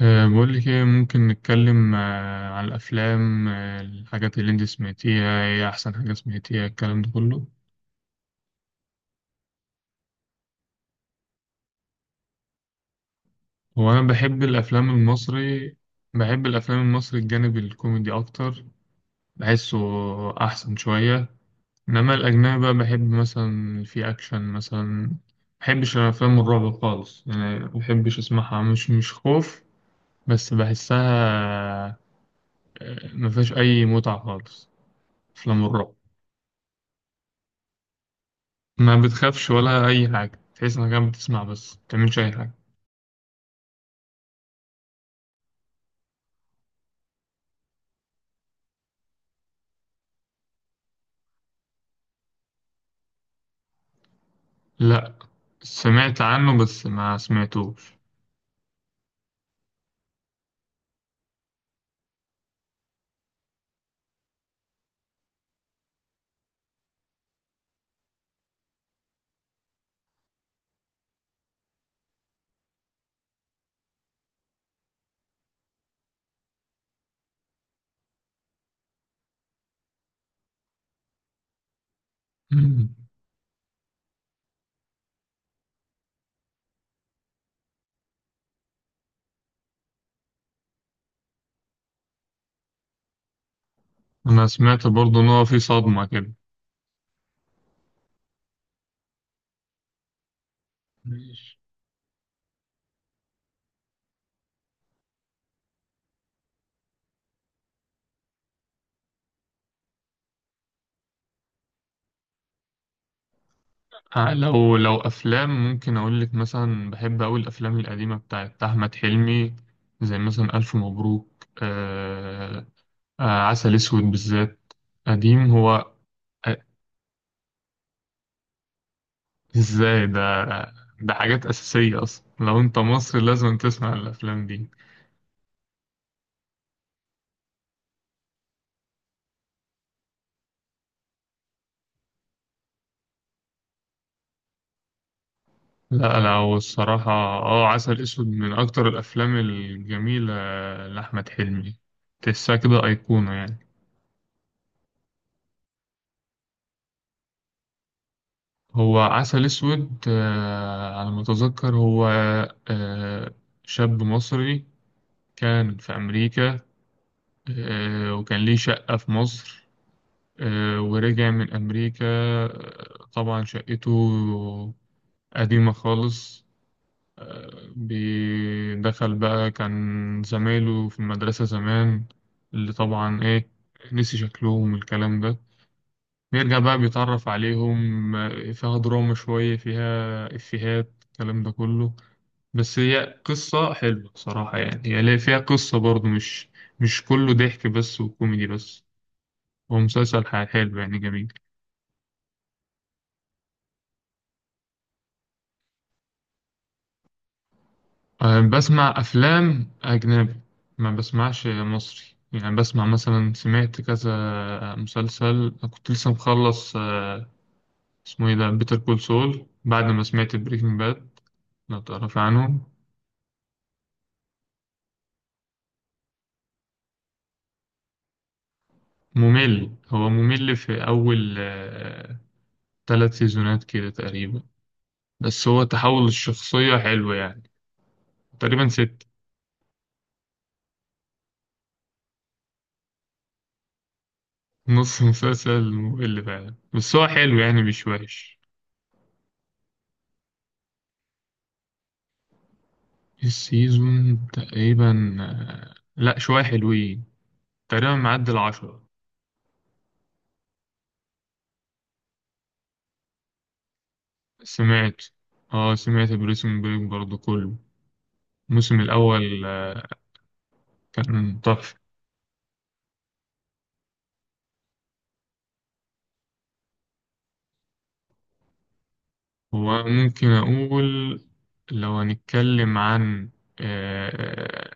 بقول لك ايه؟ ممكن نتكلم عن الافلام، الحاجات اللي انت سمعتيها؟ ايه احسن حاجه سمعتيها الكلام ده كله؟ هو انا بحب الافلام المصري. بحب الافلام المصري، الجانب الكوميدي اكتر. بحسه احسن شويه. انما الاجنبي بقى بحب مثلا في اكشن مثلا. بحبش الافلام الرعب خالص، يعني بحبش اسمعها. مش خوف، بس بحسها. مفيهاش اي متعه خالص، افلام الرعب. ما بتخافش ولا أي حاجة، تحس إنك قاعد بتسمع بس ما بتعملش أي حاجة. لأ، سمعت عنه بس ما سمعتوش. مم. أنا سمعت برضه إن هو في صدمة كده. ماشي. لو أفلام ممكن أقول لك مثلا، بحب أوي الأفلام القديمة بتاعت أحمد حلمي، زي مثلا ألف مبروك. آه آه عسل أسود بالذات، قديم هو. آه، إزاي ده؟ ده حاجات أساسية أصلا، لو أنت مصري لازم تسمع الأفلام دي. لا لا، هو الصراحة عسل أسود من أكتر الأفلام الجميلة لأحمد حلمي، تحسها كده أيقونة يعني. هو عسل أسود، على ما أتذكر، هو آه، شاب مصري كان في أمريكا، وكان ليه شقة في مصر. ورجع من أمريكا، طبعا شقته قديمة خالص. بدخل بقى، كان زمايله في المدرسة زمان اللي طبعا إيه، نسي شكلهم والكلام ده. بيرجع بقى بيتعرف عليهم. فيها دراما شوية، فيها إفيهات الكلام ده كله. بس هي قصة حلوة صراحة، يعني هي فيها قصة برضو، مش كله ضحك بس وكوميدي بس. هو مسلسل حلو، يعني جميل. بسمع أفلام أجنبي، ما بسمعش مصري. يعني بسمع، مثلا سمعت كذا مسلسل، كنت لسه مخلص اسمه ايه ده، بيتر كول سول، بعد ما سمعت بريكنج باد. لو تعرف عنه. ممل، هو ممل في أول ثلاث سيزونات كده تقريبا، بس هو تحول الشخصية حلو يعني. تقريبا ست. نص مسلسل ممل فعلا، بس هو حلو يعني، مش وحش. السيزون تقريبا لا، شوية حلوين، تقريبا معدي 10. سمعت. اه سمعت بريسون بريك برضو كله. الموسم الأول كان تحفة. وممكن أقول، لو هنتكلم عن آه،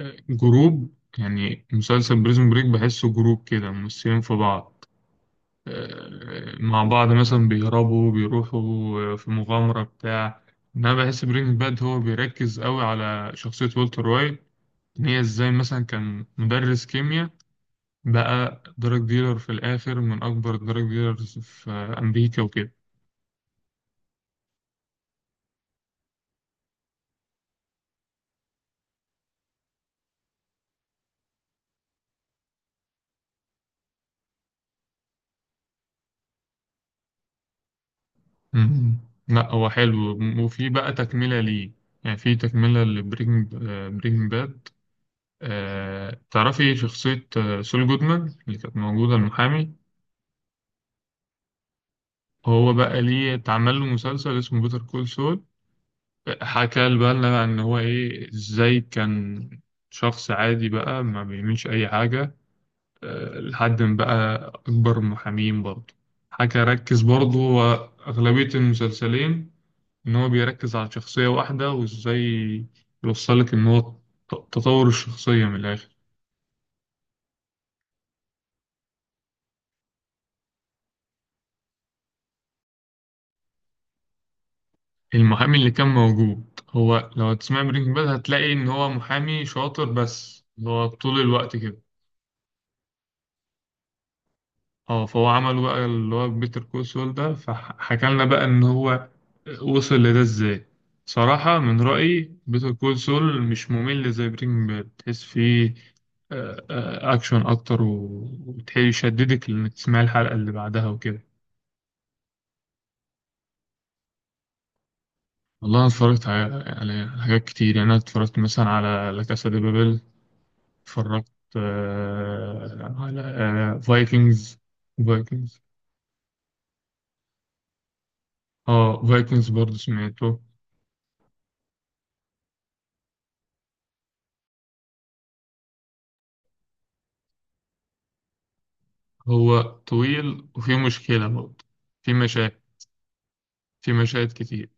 جروب، يعني مسلسل بريزون بريك بحسه جروب كده، ممثلين في بعض مع بعض، مثلا بيهربوا بيروحوا في مغامرة بتاع. إن أنا بحس برينج باد هو بيركز قوي على شخصية والتر وايت، إن هي إزاي مثلا كان مدرس كيمياء، بقى دراج ديلر في الآخر، من أكبر دراج ديلرز في أمريكا وكده. مم. لا، هو حلو وفي بقى تكملة ليه، يعني في تكملة برينج باد. تعرفي شخصية سول جودمان اللي كانت موجودة، المحامي؟ هو بقى ليه اتعمل له مسلسل اسمه بيتر كول سول. حكى بقى لنا بقى ان هو ايه، ازاي كان شخص عادي بقى ما بيعملش اي حاجة، لحد ما بقى اكبر محامين برضه. حكى، ركز برضه هو اغلبية المسلسلين ان هو بيركز على شخصية واحدة، وازاي يوصلك ان هو تطور الشخصية من الاخر. المحامي اللي كان موجود، هو لو هتسمع برينج باد هتلاقي ان هو محامي شاطر، بس هو طول الوقت كده. اه فهو عمل بقى اللي هو بيتر كول سول ده، فحكى لنا بقى ان هو وصل لده ازاي. صراحة من رأيي بيتر كول سول مش ممل زي بريكنج باد، تحس فيه اكشن اكتر، وتحيل يشددك انك تسمع الحلقة اللي بعدها وكده. والله انا اتفرجت على حاجات كتير، يعني انا اتفرجت مثلا على لا كاسا دي بابل. اتفرجت على فايكنجز، فايكنجز. اه فايكنجز برضه سمعته. هو طويل وفيه مشكلة برضه، في مشاهد في مشاهد كتير.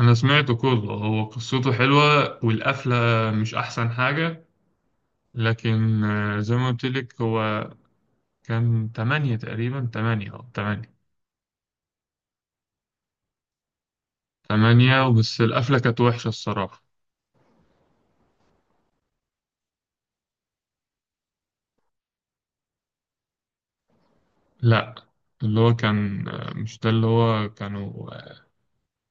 أنا سمعته كله، هو قصته حلوة والقفلة مش أحسن حاجة، لكن زي ما قلت لك هو كان تمانية تقريبا، تمانية تمانية، تمانية. بس القفلة كانت وحشة الصراحة. لأ، اللي هو كان مش ده، اللي هو كانوا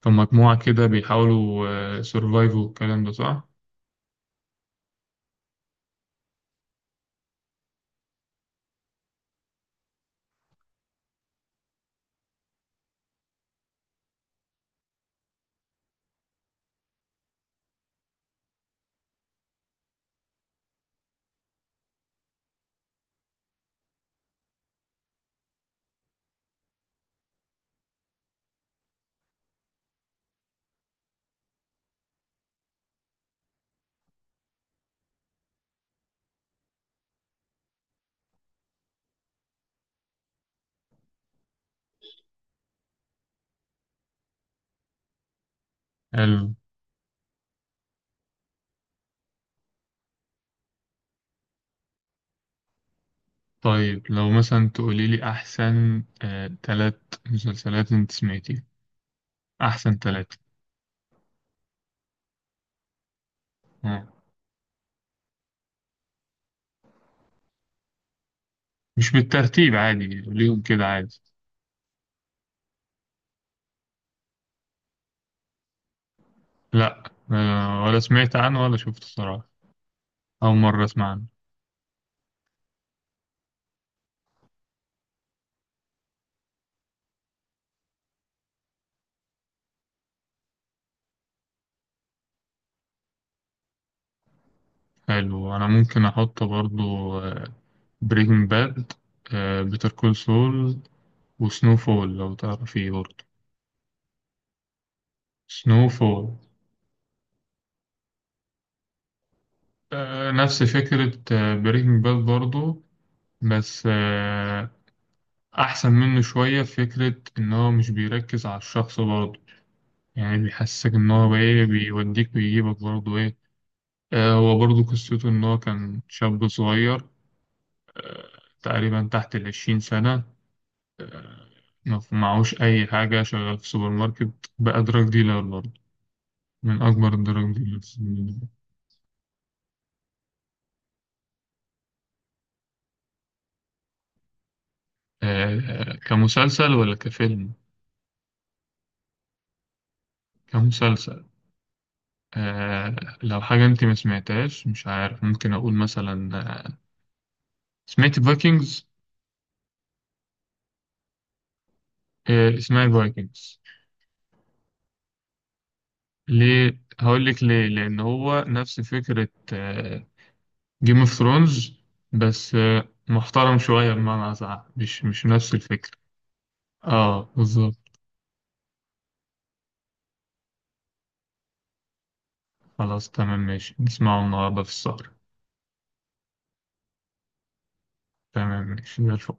كان مجموعة كده بيحاولوا سيرفايفوا الكلام ده، صح؟ طيب لو مثلا تقولي لي أحسن تلات مسلسلات أنت سمعتيها. أحسن تلاتة؟ آه. مش بالترتيب، عادي قوليهم كده، عادي. لأ، ولا سمعت عنه ولا شفته صراحة، أول مرة أسمع عنه. حلو، أنا ممكن أحط برضو بريكنج باد، بيتر كول سول، وسنو فول لو تعرفيه برضو. سنو فول. نفس فكرة بريكنج باد برضو، بس أحسن منه شوية، في فكرة إن هو مش بيركز على الشخص برضه، يعني بيحسسك إن هو إيه، بيوديك ويجيبك برضه إيه. هو برضه قصته إن هو كان شاب صغير، آه تقريبا تحت 20 سنة. آه ما ف- معهوش أي حاجة، شغال في سوبر ماركت، بقى دراج ديلر برضه، من أكبر الدراج ديلرز. كمسلسل ولا كفيلم؟ كمسلسل. آه لو حاجة أنت ما سمعتهاش مش عارف، ممكن أقول مثلا آه، سمعت فايكنجز؟ اسمها الفايكنجز. ليه؟ هقول لك ليه، لان هو نفس فكره جيم اوف ثرونز، بس محترم شويه، بمعنى اصح مش نفس الفكره. اه بالظبط. خلاص، تمام، ماشي، نسمعه النهارده في السهره. تمام، ماشي زي الفل.